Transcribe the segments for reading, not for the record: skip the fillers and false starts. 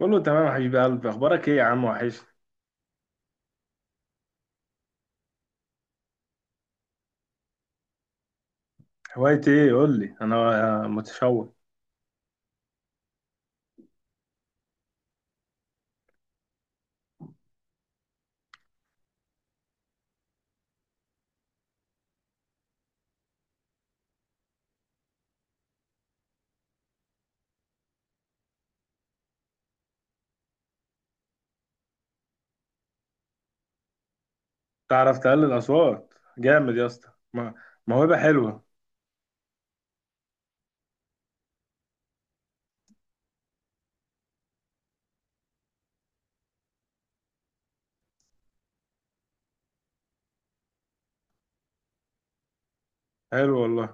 قول له تمام يا حبيب قلبي، اخبارك ايه يا عم وحش؟ هوايتي ايه؟ قول لي، انا متشوق. تعرف تقلل اصوات جامد يا اسطى؟ موهبه حلوه. حلو والله.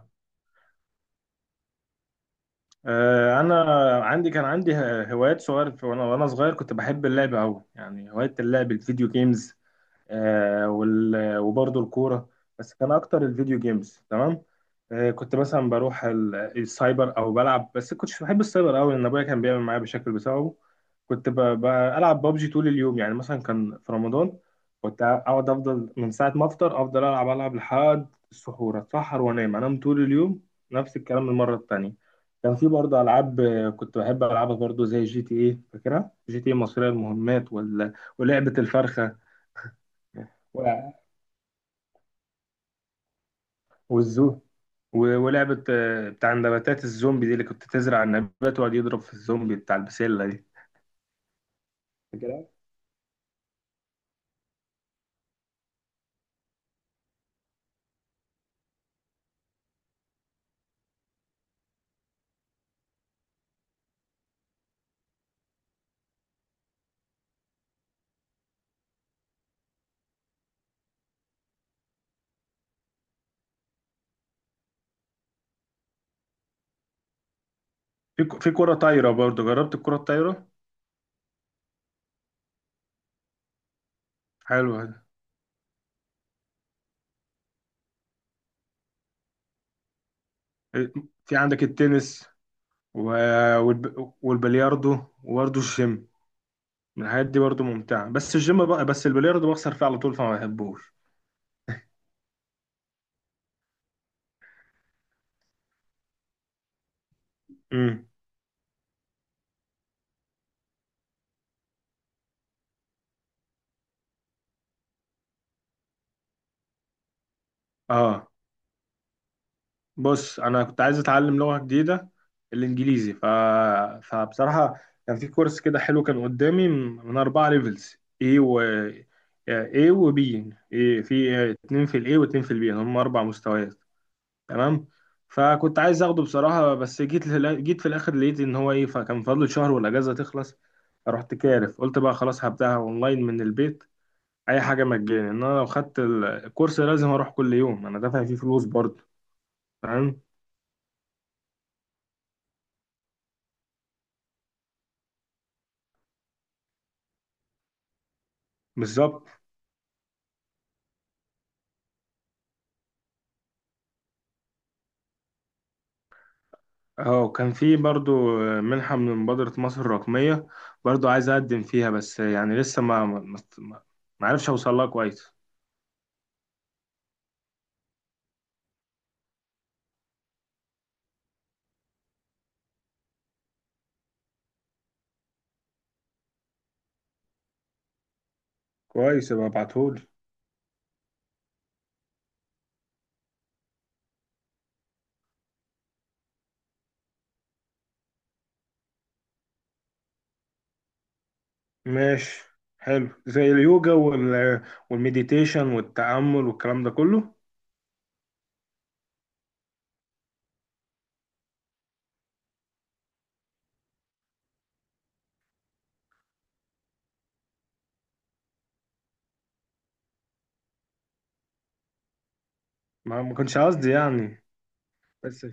انا كان عندي هوايات صغير وانا صغير كنت بحب اللعب قوي، يعني هوايه اللعب الفيديو جيمز. وبرضه الكوره. بس كان اكتر الفيديو جيمز. تمام. كنت مثلا بروح السايبر او بلعب، بس كنتش بحب السايبر قوي، لان ابويا كان بيعمل معايا بشكل بسببه. كنت بلعب بابجي طول اليوم، يعني مثلا كان في رمضان. كنت اقعد افضل من ساعه ما افطر، افضل العب العب لحد السحور، اتسحر وانام انام طول اليوم. نفس الكلام المره التانيه. كان في برضه العاب، كنت بحب العبها برضه، زي جي تي ايه. فاكرها؟ جي تي ايه مصريه المهمات، ولعبه الفرخه. و- والزو ولعبه بتاع نباتات الزومبي دي، اللي كنت تزرع النبات ويقعد يضرب في الزومبي، بتاع البسله دي. فاكرها. في كره طايره، برضه جربت الكره الطايره. حلوه ده. إيه، في عندك التنس و... والبلياردو، وبرضه الجيم. الحاجات دي برضه ممتعه، بس الجيم بقى، بس البلياردو بخسر فيه على طول فما بحبوش. امم اه، بص. انا كنت عايز اتعلم لغه جديده، الانجليزي. فبصراحه كان في كورس كده حلو، كان قدامي من اربعه ليفلز. اي و اي وبي، إيه في اتنين في الاي واتنين في البي، هم اربع مستويات. تمام. فكنت عايز اخده بصراحه، بس جيت في الاخر لقيت ان هو ايه، فكان فاضل شهر والاجازه تخلص. رحت كارف قلت بقى خلاص، هبداها اونلاين من البيت. اي حاجه مجاني، ان انا لو خدت الكورس لازم اروح كل يوم، انا دافع فيه فلوس برضه. تمام. بالظبط. اه، كان في برضو منحة من مبادرة مصر الرقمية، برضو عايز أقدم فيها، بس يعني لسه ما عرفش أوصل لها كويس. كويس، يبقى ابعتهولي. ماشي. حلو، زي اليوجا والمديتيشن والتأمل والكلام ده كله. ما كنتش قصدي يعني. بس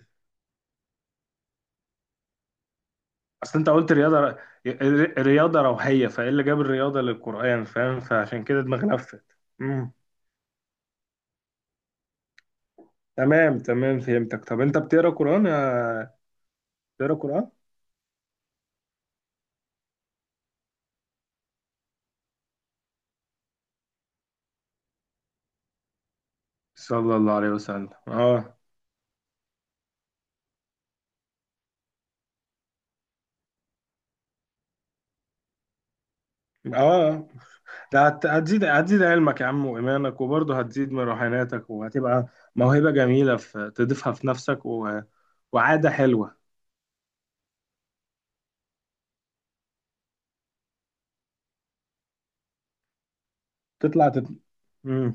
أصل أنت قلت رياضة، رياضة روحية، فإيه اللي جاب الرياضة للقرآن؟ فاهم؟ فعشان كده دماغي لفت. مم. تمام تمام، فهمتك. طب أنت بتقرأ قرآن يا... بتقرأ قرآن؟ صلى الله عليه وسلم. اه. اه، ده هتزيد علمك يا عم وإيمانك، وبرضه هتزيد من روحانيتك، وهتبقى موهبة جميلة في تضيفها في نفسك، وعادة حلوة. تطلع تت... مم.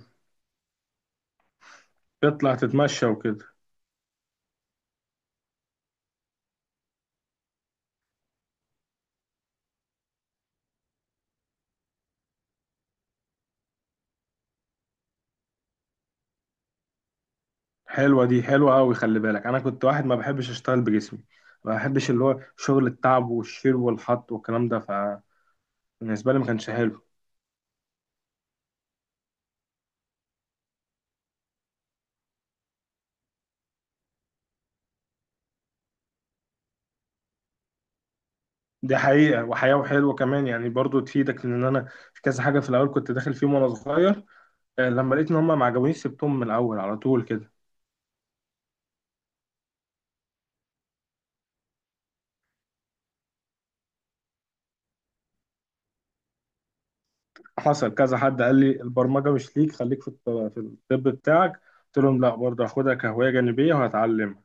تطلع تتمشى وكده. حلوة دي، حلوة أوي. خلي بالك، أنا كنت واحد ما بحبش أشتغل بجسمي، ما بحبش اللي هو شغل التعب والشيل والحط والكلام ده. فبالنسبة لي ما كانش حلو. دي حقيقة وحياة، وحلوة كمان يعني، برضه تفيدك. لأن أنا في كذا حاجة في الأول كنت داخل فيهم وأنا صغير، لما لقيت ان هم ما عجبونيش، سبتهم من الاول على طول كده. حصل كذا حد قال لي البرمجه مش ليك، خليك في الطب بتاعك. قلت لهم لا، برضه هاخدها كهوايه جانبيه وهتعلمها.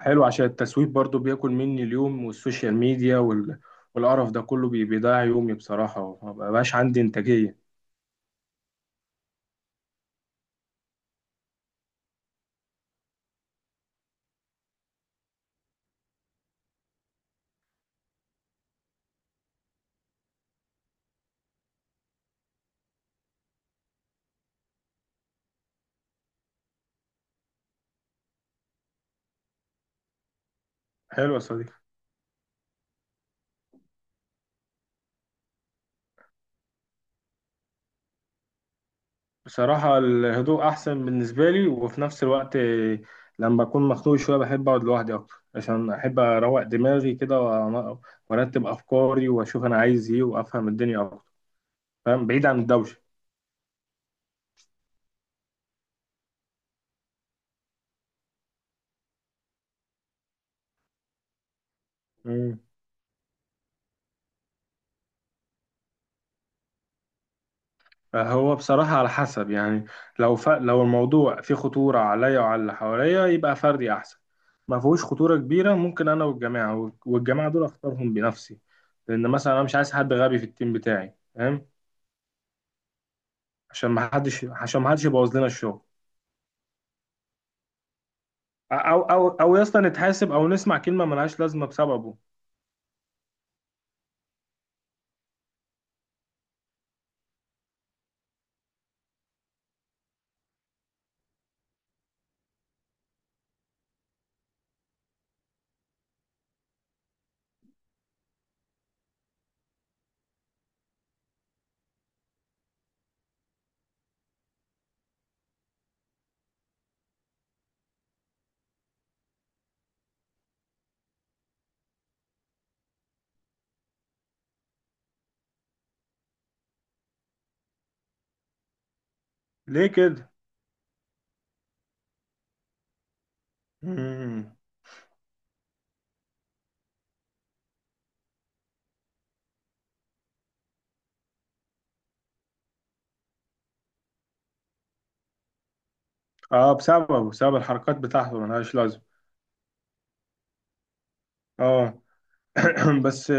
حلو، عشان التسويق برضه بياكل مني اليوم، والسوشيال ميديا والقرف ده كله بيضيع يومي بصراحه، وما بقاش عندي انتاجيه. حلو يا صديقي. بصراحة الهدوء أحسن بالنسبة لي، وفي نفس الوقت لما أكون مخنوق شوية بحب أقعد لوحدي أكتر، عشان أحب أروق دماغي كده، وأرتب أفكاري، وأشوف أنا عايز إيه، وأفهم الدنيا أكتر. فاهم؟ بعيد عن الدوشة. مم. فهو بصراحة على حسب يعني، لو الموضوع فيه خطورة عليا وعلى اللي حواليا، يبقى فردي أحسن. ما فيهوش خطورة كبيرة، ممكن أنا والجماعة، دول أختارهم بنفسي، لأن مثلا أنا مش عايز حد غبي في التيم بتاعي، فاهم؟ عشان ما حدش يبوظ لنا الشغل. او يا اسطى نتحاسب، او نسمع كلمه ملهاش لازمه بسببه. ليه كده؟ مم. اه، بسببه، بسبب الحركات بتاعته ملهاش لازمه. اه. بس،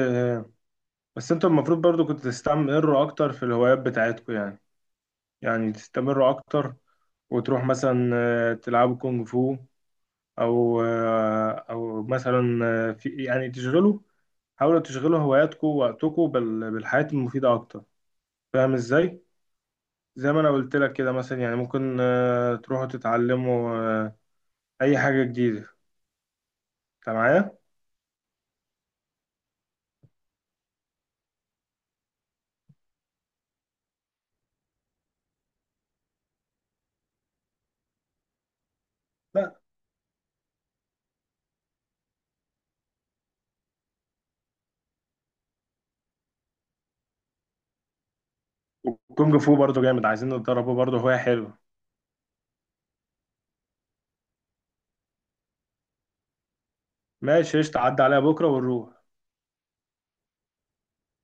بس انتوا المفروض برضو كنتوا تستمروا اكتر في الهوايات بتاعتكم، يعني تستمروا اكتر. وتروح مثلا تلعبوا كونغ فو، او مثلا في يعني تشغلوا، حاولوا تشغلوا هواياتكم ووقتكم بالحياة المفيدة اكتر. فاهم ازاي؟ زي ما انا قلت لك كده مثلا، يعني ممكن تروحوا تتعلموا آه، اي حاجه جديده. انت معايا؟ لا، وكونج فو برضو جامد، عايزين نتدربه، برضو هوايه حلوه. ماشي، قشطة، عدى عليها بكره ونروح.